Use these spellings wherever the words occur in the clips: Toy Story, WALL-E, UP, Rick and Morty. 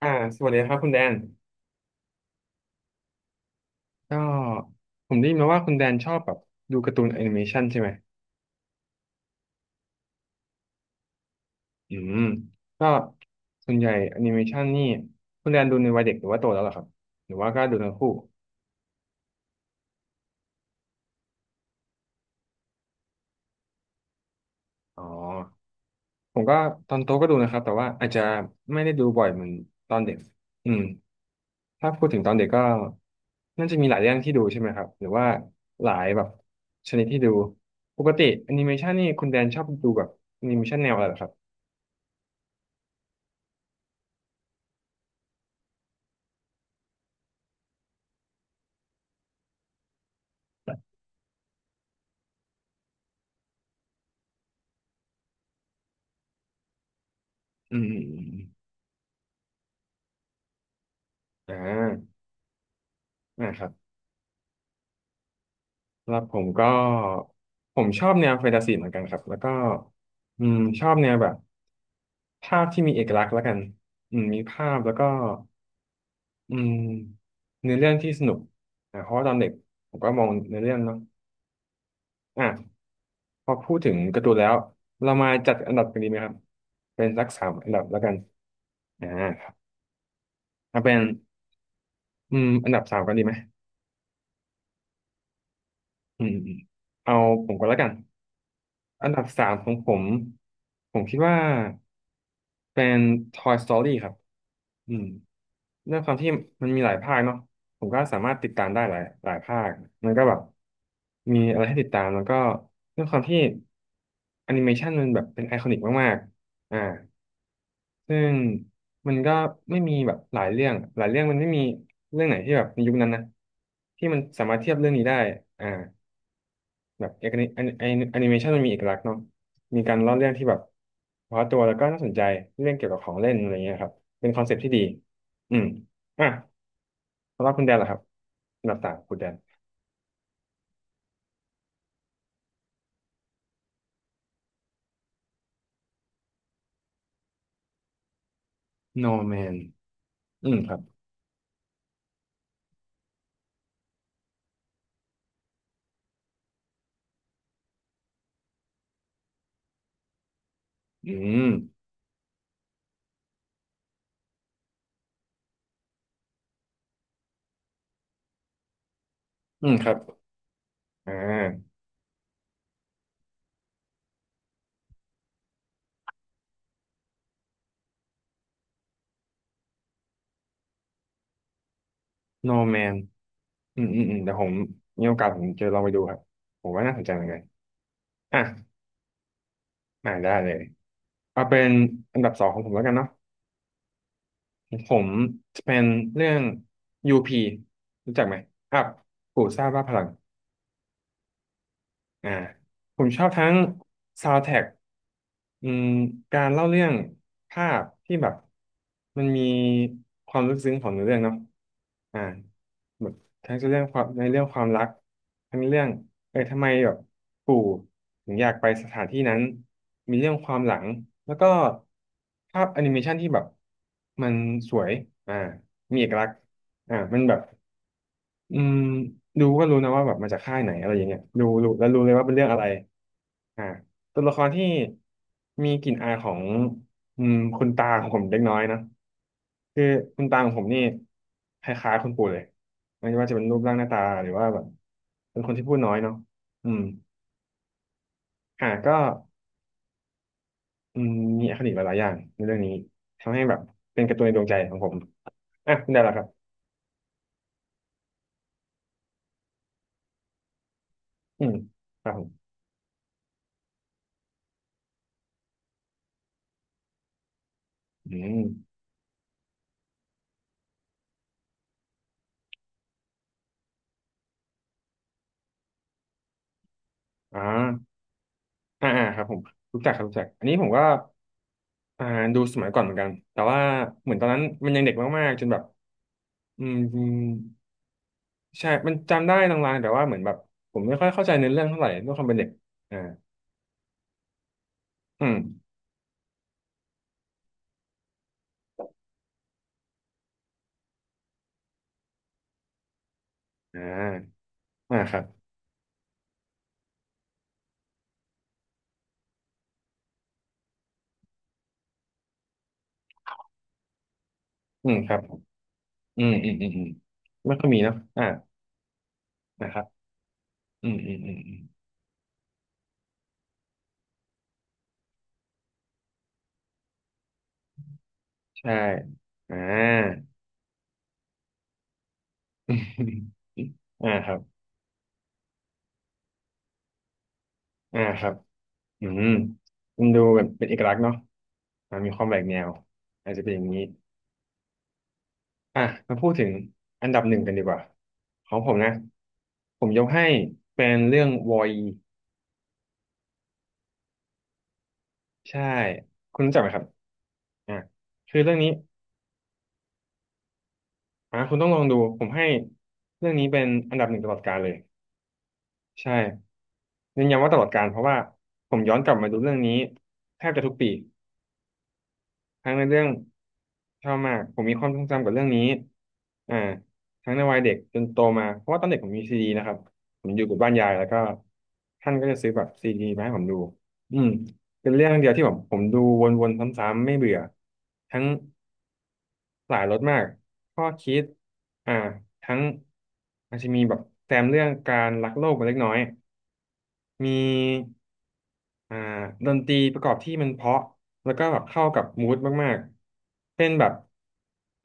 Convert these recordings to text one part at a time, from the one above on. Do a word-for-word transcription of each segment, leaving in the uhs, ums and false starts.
อ่าสวัสดีครับคุณแดนก็ผมได้ยินมาว่าคุณแดนชอบแบบดูการ์ตูนแอนิเมชันใช่ไหมอืมก็ส่วนใหญ่แอนิเมชันนี่คุณแดนดูในวัยเด็กหรือว่าโตแล้วเหรอครับหรือว่าก็ดูทั้งคู่ อ๋อ ผมก็ตอนโตก็ดูนะครับแต่ว่าอาจจะไม่ได้ดูบ่อยเหมือนตอนเด็ก อืม ถ้าพูดถึงตอนเด็กก็น่าจะมีหลายเรื่องที่ดูใช่ไหมครับหรือว่าหลายแบบชนิดที่ดูปกติแอนิเมชันนี่คุณแดนชอบดูแบบแอนิเมชันแนวอะไรเหรอครับอืม อ่านะครับแล้วผมก็ ผมชอบแนวแฟนตาซีเหมือนกันครับแล้วก็อืมชอบแนวแบบภาพที่มีเอกลักษณ์แล้วกันอืมมีภาพแล้วก็อืมเนื้อเรื่องที่สนุกอ่าเพราะว่าตอนเด็กผมก็มองเนื้อเรื่องเนาะอ่ะพอพูดถึงการ์ตูนแล้ว เรามาจัดอันดับกันดีไหมครับเป็นสักสามอันดับแล้วกันอ่าครับเอาเป็นอืมอันดับสามกันดีไหมอืมอืมเอาผมก่อนแล้วกัน อันดับสามของผมผมคิดว่า เป็น Toy Story ครับอืมเรื่องความที่มันมีหลายภาคเนาะผมก็สามารถติดตามได้หลายหลายภาค มันก็แบบมีอะไรให้ติดตามแล้วก็เรื่องความที่แอนิเมชันมันแบบเป็นไอคอนิกมากๆอ่าซึ่งมันก็ไม่มีแบบหลายเรื่องหลายเรื่องมันไม่มีเรื่องไหนที่แบบในยุคนั้นนะที่มันสามารถเทียบเรื่องนี้ได้อ่า แบบเอกนิแอนิเมชันมันมีเอกลักษณ์เนาะมีการเล่าเรื่องที่แบบเฉพาะตัวแล้วก็น่าสนใจเรื่องเกี่ยวกับของเล่นอะไรเงี้ยครับเป็นคอนเซ็ปต์ที่ดีอืมอ่ะสำหรับคุณแดนเหรอครับอันดับสามคุณแดน No Man อืมครับอืมอืมครับอ่า No Man อืมอืมอืมเดี๋ยวผมมีโอกาสผมจะลองไปดูครับผมว่าน่าสนใจเหมือนกันอ่ะอ่าได้เลยเอาเป็นอันดับสองของผมแล้วกันเนาะ ผมจะเป็นเรื่อง ยู พี รู้จักไหมอัพกูซ่าบ้าพลัง อ่าผมชอบทั้งซาว เอ็น ดี ที ท เอ ซี เค อืมการเล่าเรื่องภาพที่แบบมันมีความลึกซึ้งของเนื้อเรื่องเนาะอ่าแบบทั้งเรื่องความในเรื่องความรักทั้งเรื่องเออทำไมแบบปู่ถึงอยากไปสถานที่นั้นมีเรื่องความหลังแล้วก็ภาพแอนิเมชันที่แบบมันสวยอ่ามีเอกลักษณ์อ่ามันแบบ อืมดูก็รู้นะว่าแบบมาจากค่ายไหนอะไรอย่างเงี้ยดูรู้แล้วรู้เลยว่าเป็นเรื่องอะไรอ่าตัวละครที่มีกลิ่นอายของอืมคุณตาของผมเล็กน้อยนะคือคุณตาของผมนี่คล้ายๆคุณปู่เลยไม่ว่าจะเป็นรูปร่างหน้าตาหรือว่าแบบเป็นคนที่พูดน้อยเนาะอืมอ่าก็อืมมีอคติหลายๆอย่างในเรื่องนี้ทำให้แบบเป็นการ์ตูนในดวงใจของผมอ่ะคุณได้แล้วครับอืมครับผมอืมอ่า อ่าอ่าครับผมรู้จักครับรู้จักอันนี้ผมก็อ่าดูสมัยก่อนเหมือนกันแต่ว่าเหมือนตอนนั้นมันยังเด็กมากๆจนแบบอืมใช่มันจำได้ลางๆแต่ว่าเหมือนแบบผมไม่ค่อยเข้าใจเนื้อเรื่องเท่าไหร่ด้วยความเป็นเด็กอ่าอืมอ่าอ่าครับอืมครับอืมอืมอืมอืมไม่ค่อยมีเนาะอ่านะครับอืมอืมอืมอืมใช่อ่า อ่าครับอ่าครับอืมมันดูแบบเป็นเอกลักษณ์เนาะอ่ามีความแหวกแนวอาจจะเป็นอย่างนี้ อ่ะมาพูดถึงอันดับหนึ่งกันดีกว่าของผมนะผมยกให้เป็นเรื่องวอยใช่คุณรู้จักไหมครับอ่ะคือเรื่องนี้อ่ะคุณต้องลองดูผมให้เรื่องนี้เป็นอันดับหนึ่งตลอดกาลเลยใช่ยืนยันว่าตลอดกาลเพราะว่าผมย้อนกลับมาดูเรื่องนี้แทบจะทุกปี ทั้งในเรื่องชอบมากผมมีความทรงจำกับเรื่องนี้อ่าทั้งในวัยเด็กจนโตมาเพราะว่าตอนเด็กผมมีซีดีนะครับผมอยู่กับบ้านยายแล้วก็ท่านก็จะซื้อแบบซีดีมาให้ผมดูอืมเป็นเรื่องเดียวที่ผมผมดูวนๆซ้ำๆไม่เบื่อทั้งหลายรสมากข้อคิดอ่าทั้งอาจจะมีแบบแซมเรื่องการรักโลกไปเล็กน้อย มีอ่าดนตรีประกอบที่มันเพราะแล้วก็แบบเข้ากับมูดมากๆเป็นแบบ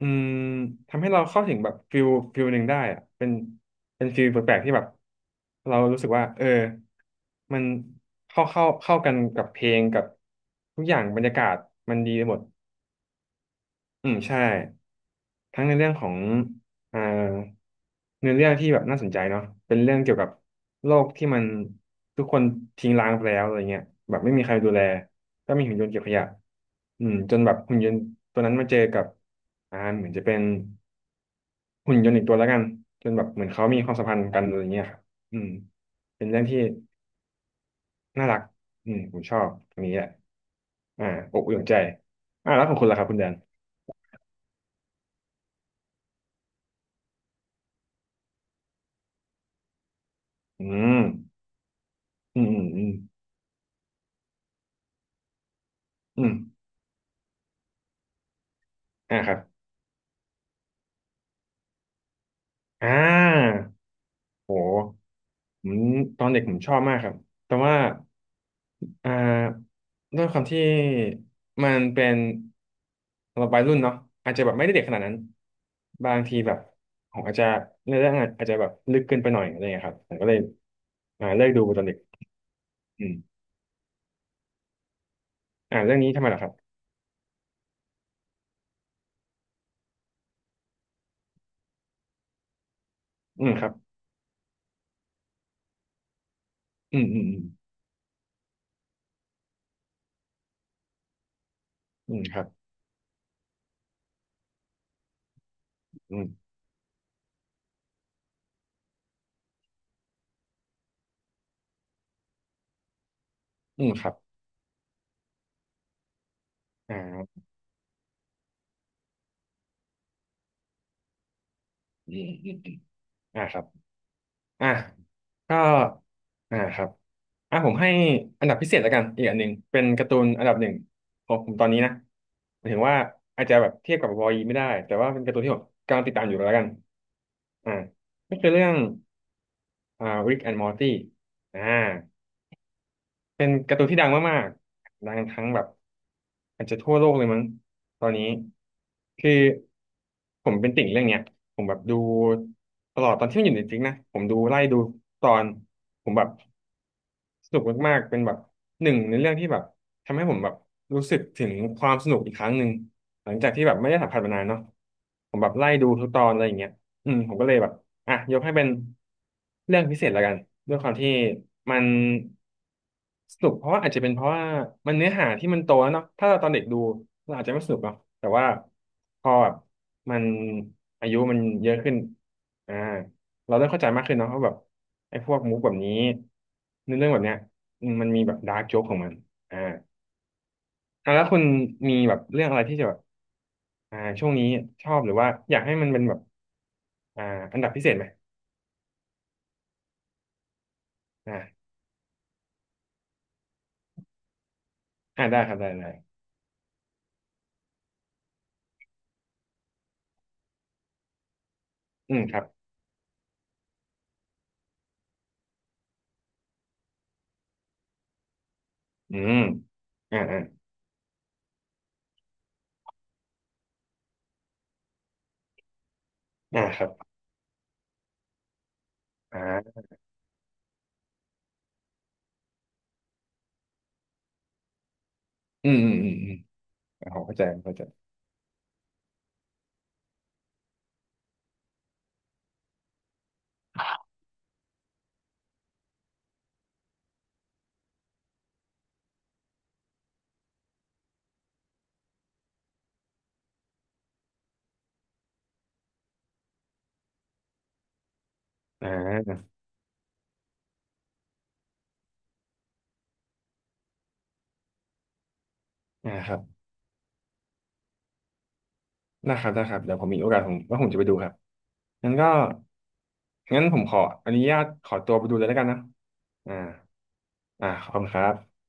อืมทำให้เราเข้าถึงแบบฟิลฟิลหนึ่งได้อะเป็นเป็นฟิลแปลกๆที่แบบเรารู้สึกว่าเออมันเข้าเข้าเข้ากันกับเพลงกับทุกอย่างบรรยากาศมันดีไปหมดอืมใช่ ทั้งในเรื่องของอ่าเนื้อเรื่องที่แบบน่าสนใจเนาะเป็นเรื่องเกี่ยวกับโลกที่มันทุกคนทิ้งร้างไปแล้วอะไรเงี้ยแบบไม่มีใครดูแลก็มีหุ่นยนต์เก็บขยะอืมจนแบบหุ่นยนต์ตัวนั้นมาเจอกับอ่าเหมือนจะเป็นหุ่นยนต์อีกตัวแล้วกันจนแบบเหมือนเขามีความสัมพันธ์กันอะไรเงี้ยครับอืมเป็นเรื่องที่น่ารักอืมผมชอบตรงนี้แหละอ่าอบอุ่นใจอ่าแล้วของคุณล่ะครับคุณแดนอืมอืมอืมอืมอืมอ่าครับอ่า โหผมตอนเด็กผมชอบมากครับ แต่ว่าอ่าด้วยความที่มันเป็นสำหรับวัยรุ่นเนาะอาจจะแบบไม่ได้เด็กขนาดนั้นบางทีแบบผมอาจจะเนื้อเรื่องอาจจะแบบลึกเกินไปหน่อยอะไรเงี้ยครับผมก็เลยอ่าเลิกดูตอนเด็กอืมอ่าเรื่องนี้ทำไมล่ะครับอืมครับอืมอืมอืมอืมครับอืมอืมครับอ่าอืมอืมอืมอ่าครับ อ่ะก็อ่าครับอ่ะผมให้อันดับพิเศษแล้วกันอีกอันหนึ่งเป็นการ์ตูนอันดับหนึ่งของผมตอนนี้นะหมายถึงว่าอาจจะแบบเทียบกับวอล e ไม่ได้แต่ว่าเป็นการ์ตูนที่ผมกำลังติดตามอยู่แล้วกันอ่าก็คือเรื่องอ่าริกแอนด์มอร์ตี้อ่า เป็นการ์ตูนที่ดังมากๆดังทั้งแบบอาจจะทั่วโลกเลยมั้งตอนนี้คือผมเป็นติ่งเรื่องเนี้ยผมแบบดูตลอดตอนที่มันอยู่ในจริงนะผมดูไล่ดูตอนผมแบบสนุกมากๆเป็นแบบหนึ่งในเรื่องที่แบบทำให้ผมแบบรู้สึกถึงความสนุกอีกครั้งหนึ่งหลังจากที่แบบไม่ได้สัมผัสมานานเนาะผมแบบไล่ดูทุกตอนอะไรอย่างเงี้ยอืมผมก็เลยแบบ อ่ะยกให้เป็นเรื่องพิเศษละกันด้วยความที่มันสนุกเพราะว่าอาจจะเป็นเพราะว่ามันเนื้อหาที่มันโตแล้วเนาะถ้าเราตอนเด็กดูเราอาจจะไม่สนุกเนาะแต่ว่าพอแบบมันอายุมันเยอะขึ้นอ่าเราเริ่มเข้าใจมากขึ้นเนาะว่าแบบไอ้พวกมุกแบบนี้เนื้อเรื่องแบบเนี้ยอืมมันมีแบบดาร์กโจ๊กของมันอ่าอ่ะแล้วคุณมีแบบเรื่องอะไรที่จะแบบอ่าช่วงนี้ชอบหรือว่าอยากให้มันเป็นแบบอ่าอันดับพิเศษไหม อ่าได้ครับได้ได้อืมครับอืมอ่าอ่าอ่าครับอ่าอืมอืมอืมอืมอ่าผมเข้าใจผมเข้าใจอ่าอ่าครับได้ครับได้ครับเดี๋ยวผมมีโอกาสผมว่าผมจะไปดูครับงั้นก็งั้นผมขออนุญาตขอตัวไปดูเลยแล้วกันนะอ่าอ่าขอบคุณครับ